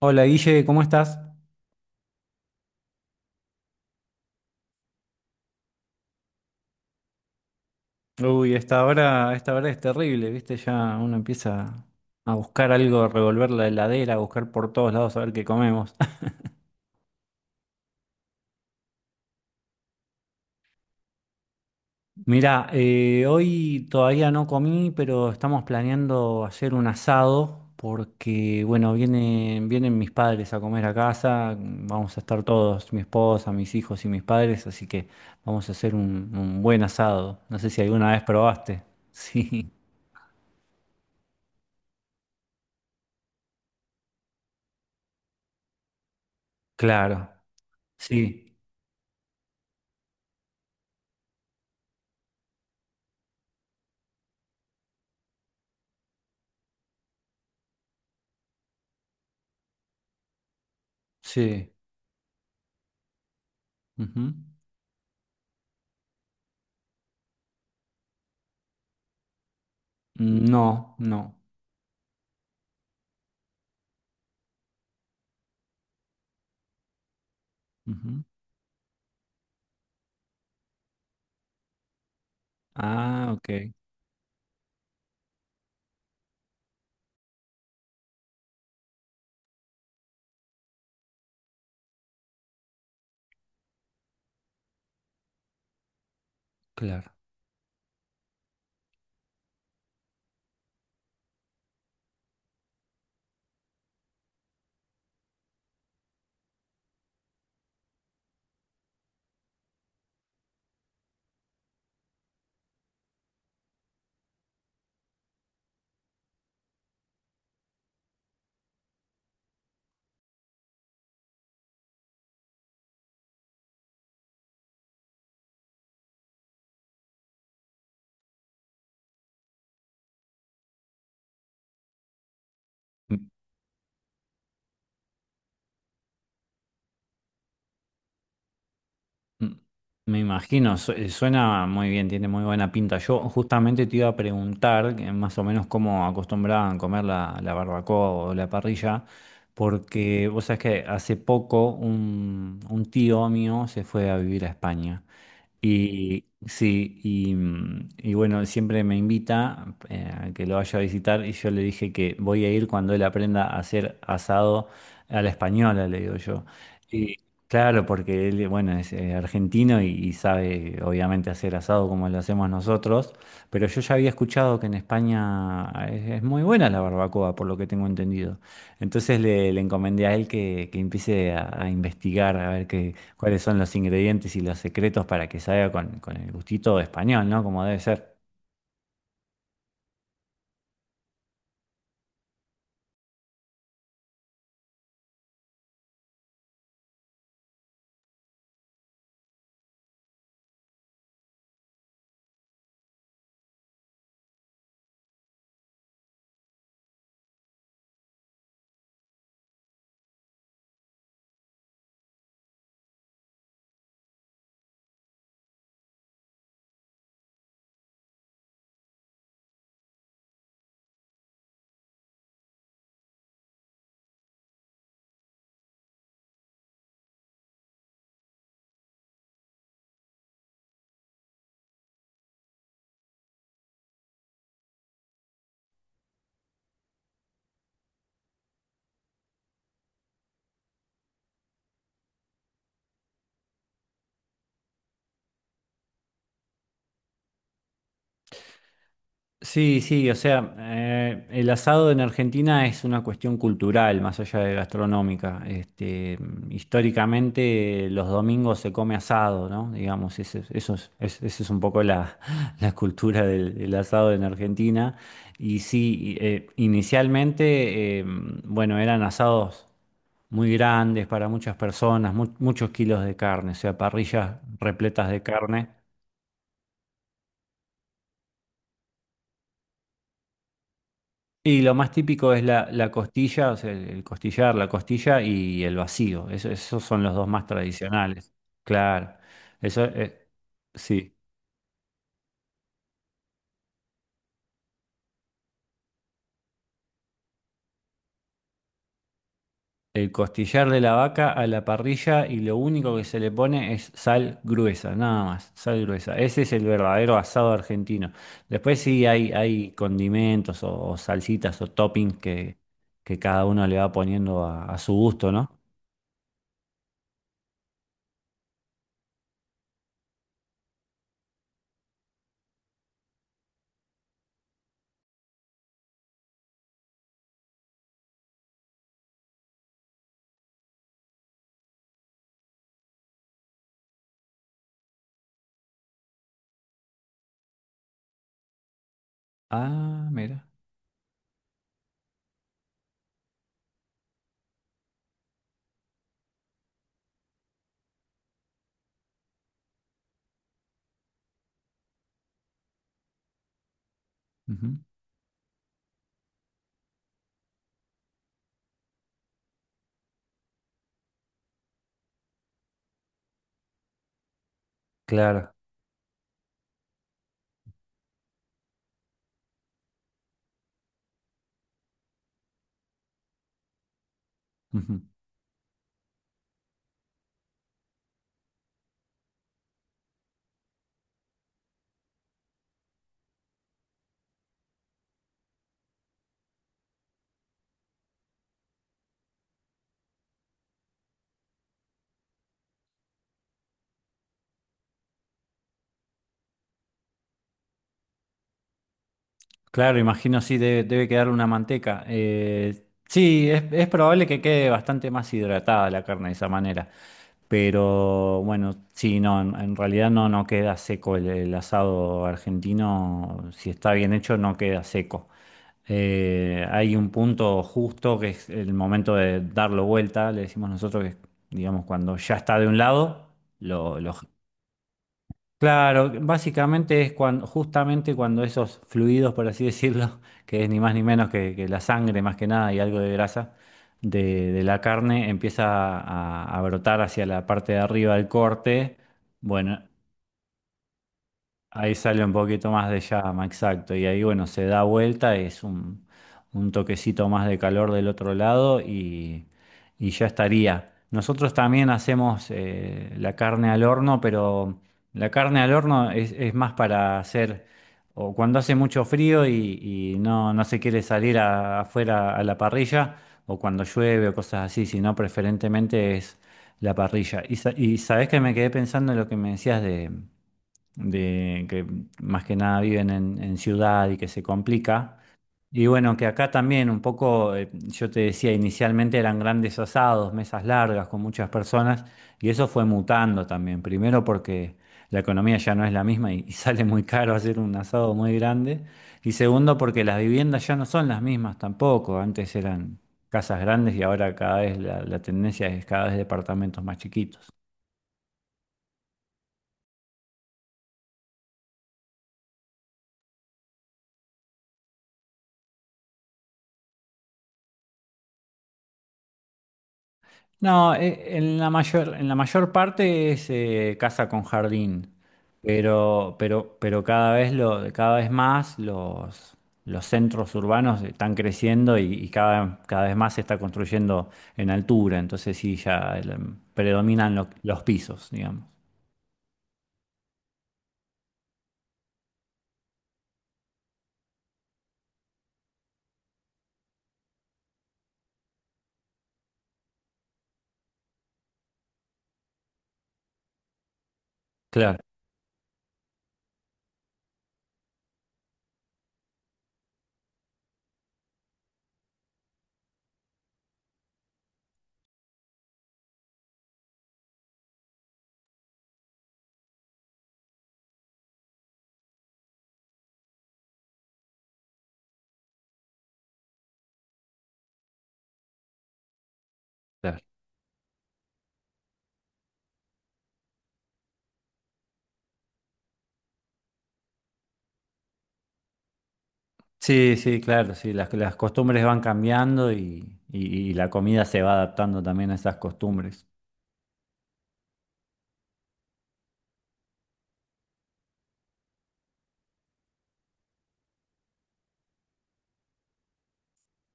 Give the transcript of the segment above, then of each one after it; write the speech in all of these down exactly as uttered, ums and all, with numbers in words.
Hola Guille, ¿cómo estás? Uy, esta hora, esta hora es terrible, ¿viste? Ya uno empieza a buscar algo, revolver la heladera, a buscar por todos lados a ver qué comemos. Mirá, eh, hoy todavía no comí, pero estamos planeando hacer un asado porque, bueno, vienen, vienen mis padres a comer a casa, vamos a estar todos, mi esposa, mis hijos y mis padres, así que vamos a hacer un, un buen asado. No sé si alguna vez probaste. Sí, claro, sí, sí. Ujú. No, no. Ujú. Ah, ok, claro. Mm, me imagino, su- eh, suena muy bien, tiene muy buena pinta. Yo justamente te iba a preguntar que más o menos cómo acostumbraban comer la, la barbacoa o la parrilla, porque vos sabés que hace poco un, un tío mío se fue a vivir a España. Y sí, y, mm, y bueno, siempre me invita eh, a que lo vaya a visitar y yo le dije que voy a ir cuando él aprenda a hacer asado a la española, le digo yo. Claro, porque él, bueno, es eh, argentino y, y sabe obviamente hacer asado como lo hacemos nosotros, pero yo ya había escuchado que en España ah, es, es muy buena la barbacoa, por lo que tengo entendido. Entonces le, le encomendé a él que, que empiece a, a investigar, a ver qué, cuáles son los ingredientes y los secretos para que salga con, con el gustito español, ¿no? Como debe ser. Sí, sí, o sea, eh, el asado en Argentina es una cuestión cultural, más allá de gastronómica. Este, históricamente los domingos se come asado, ¿no? Digamos, ese es- eso es, es- esa es un poco la, la cultura del, del asado en Argentina. Y sí, y, eh, inicialmente, eh, bueno, eran asados muy grandes para muchas personas, mu- muchos kilos de carne, o sea, parrillas repletas de carne. Y lo más típico es la, la costilla, o sea, el, el costillar, la costilla y el vacío. Eso- esos son los dos más tradicionales. Claro. Eso eh, Sí. El costillar de la vaca a la parrilla y lo único que se le pone es sal gruesa, nada más, sal gruesa. Ese es el verdadero asado argentino. Después sí hay, hay condimentos o, o salsitas o toppings que, que cada uno le va poniendo a, a su gusto, ¿no? Ah, mira. Ujú. Claro. Ujú. Claro, imagino sí, debe, debe quedar una manteca. Eh, sí, es, es probable que quede bastante más hidratada la carne de esa manera. Pero bueno, sí, no, en, en realidad no, no queda seco el, el asado argentino. Si está bien hecho, no queda seco. Eh, hay un punto justo que es el momento de darlo vuelta, le decimos nosotros que es, digamos, cuando ya está de un lado, lo lo Claro, básicamente es cuando, justamente cuando esos fluidos, por así decirlo, que es ni más ni menos que, que la sangre más que nada y algo de grasa de, de la carne, empieza a, a brotar hacia la parte de arriba del corte. Bueno, ahí sale un poquito más de llama, exacto. Y ahí, bueno, se da vuelta, es un, un toquecito más de calor del otro lado y, y ya estaría. Nosotros también hacemos eh, la carne al horno, pero la carne al horno es, es más para hacer, o cuando hace mucho frío y, y no, no se quiere salir a- afuera a la parrilla, o cuando llueve o cosas así, sino preferentemente es la parrilla. Y, sa- y sabés que me quedé pensando en lo que me decías de de que más que nada viven en, en ciudad y que se complica. Y bueno, que acá también un poco, eh, yo te decía, inicialmente eran grandes asados, mesas largas con muchas personas, y eso fue mutando también. Primero porque la economía ya no es la misma y, y sale muy caro hacer un asado muy grande. Y segundo porque las viviendas ya no son las mismas tampoco. Antes eran casas grandes y ahora cada vez la la tendencia es cada vez departamentos más chiquitos. No, eh, en la mayor, en la mayor parte es eh, casa con jardín, pero, pero, pero cada vez lo, cada vez más los, los centros urbanos están creciendo y, y cada, cada vez más se está construyendo en altura, entonces sí, ya el- predominan lo- los pisos, digamos. Claro, claro. Sí, sí, claro, sí, las, las costumbres van cambiando y, y- y la comida se va adaptando también a esas costumbres.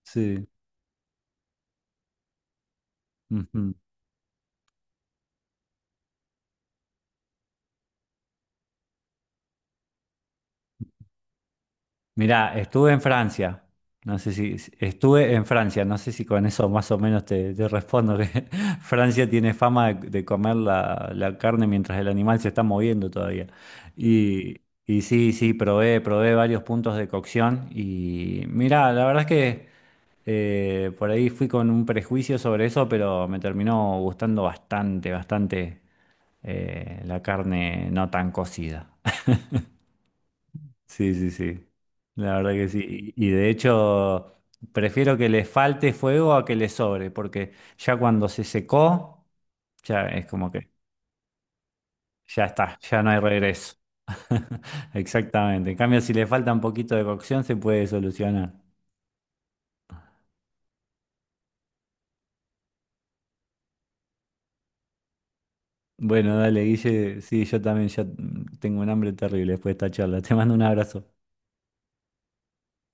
Sí. Ujú. Mirá, estuve en Francia. No sé si si- estuve en Francia, no sé si con eso más o menos te, te respondo que Francia tiene fama de, de comer la, la carne mientras el animal se está moviendo todavía. Y, y sí, sí, probé, probé varios puntos de cocción y mirá, la verdad es que eh, por ahí fui con un prejuicio sobre eso, pero me terminó gustando bastante, bastante eh, la carne no tan cocida. Sí, sí, sí. La verdad que sí. Y y de hecho, prefiero que le falte fuego a que le sobre, porque ya cuando se secó, ya es como que ya está, ya no hay regreso. Exactamente. En cambio, si le falta un poquito de cocción, se puede solucionar. Bueno, dale, Guille. Sí, yo también ya mm, tengo un hambre terrible después de esta charla. Te mando un abrazo.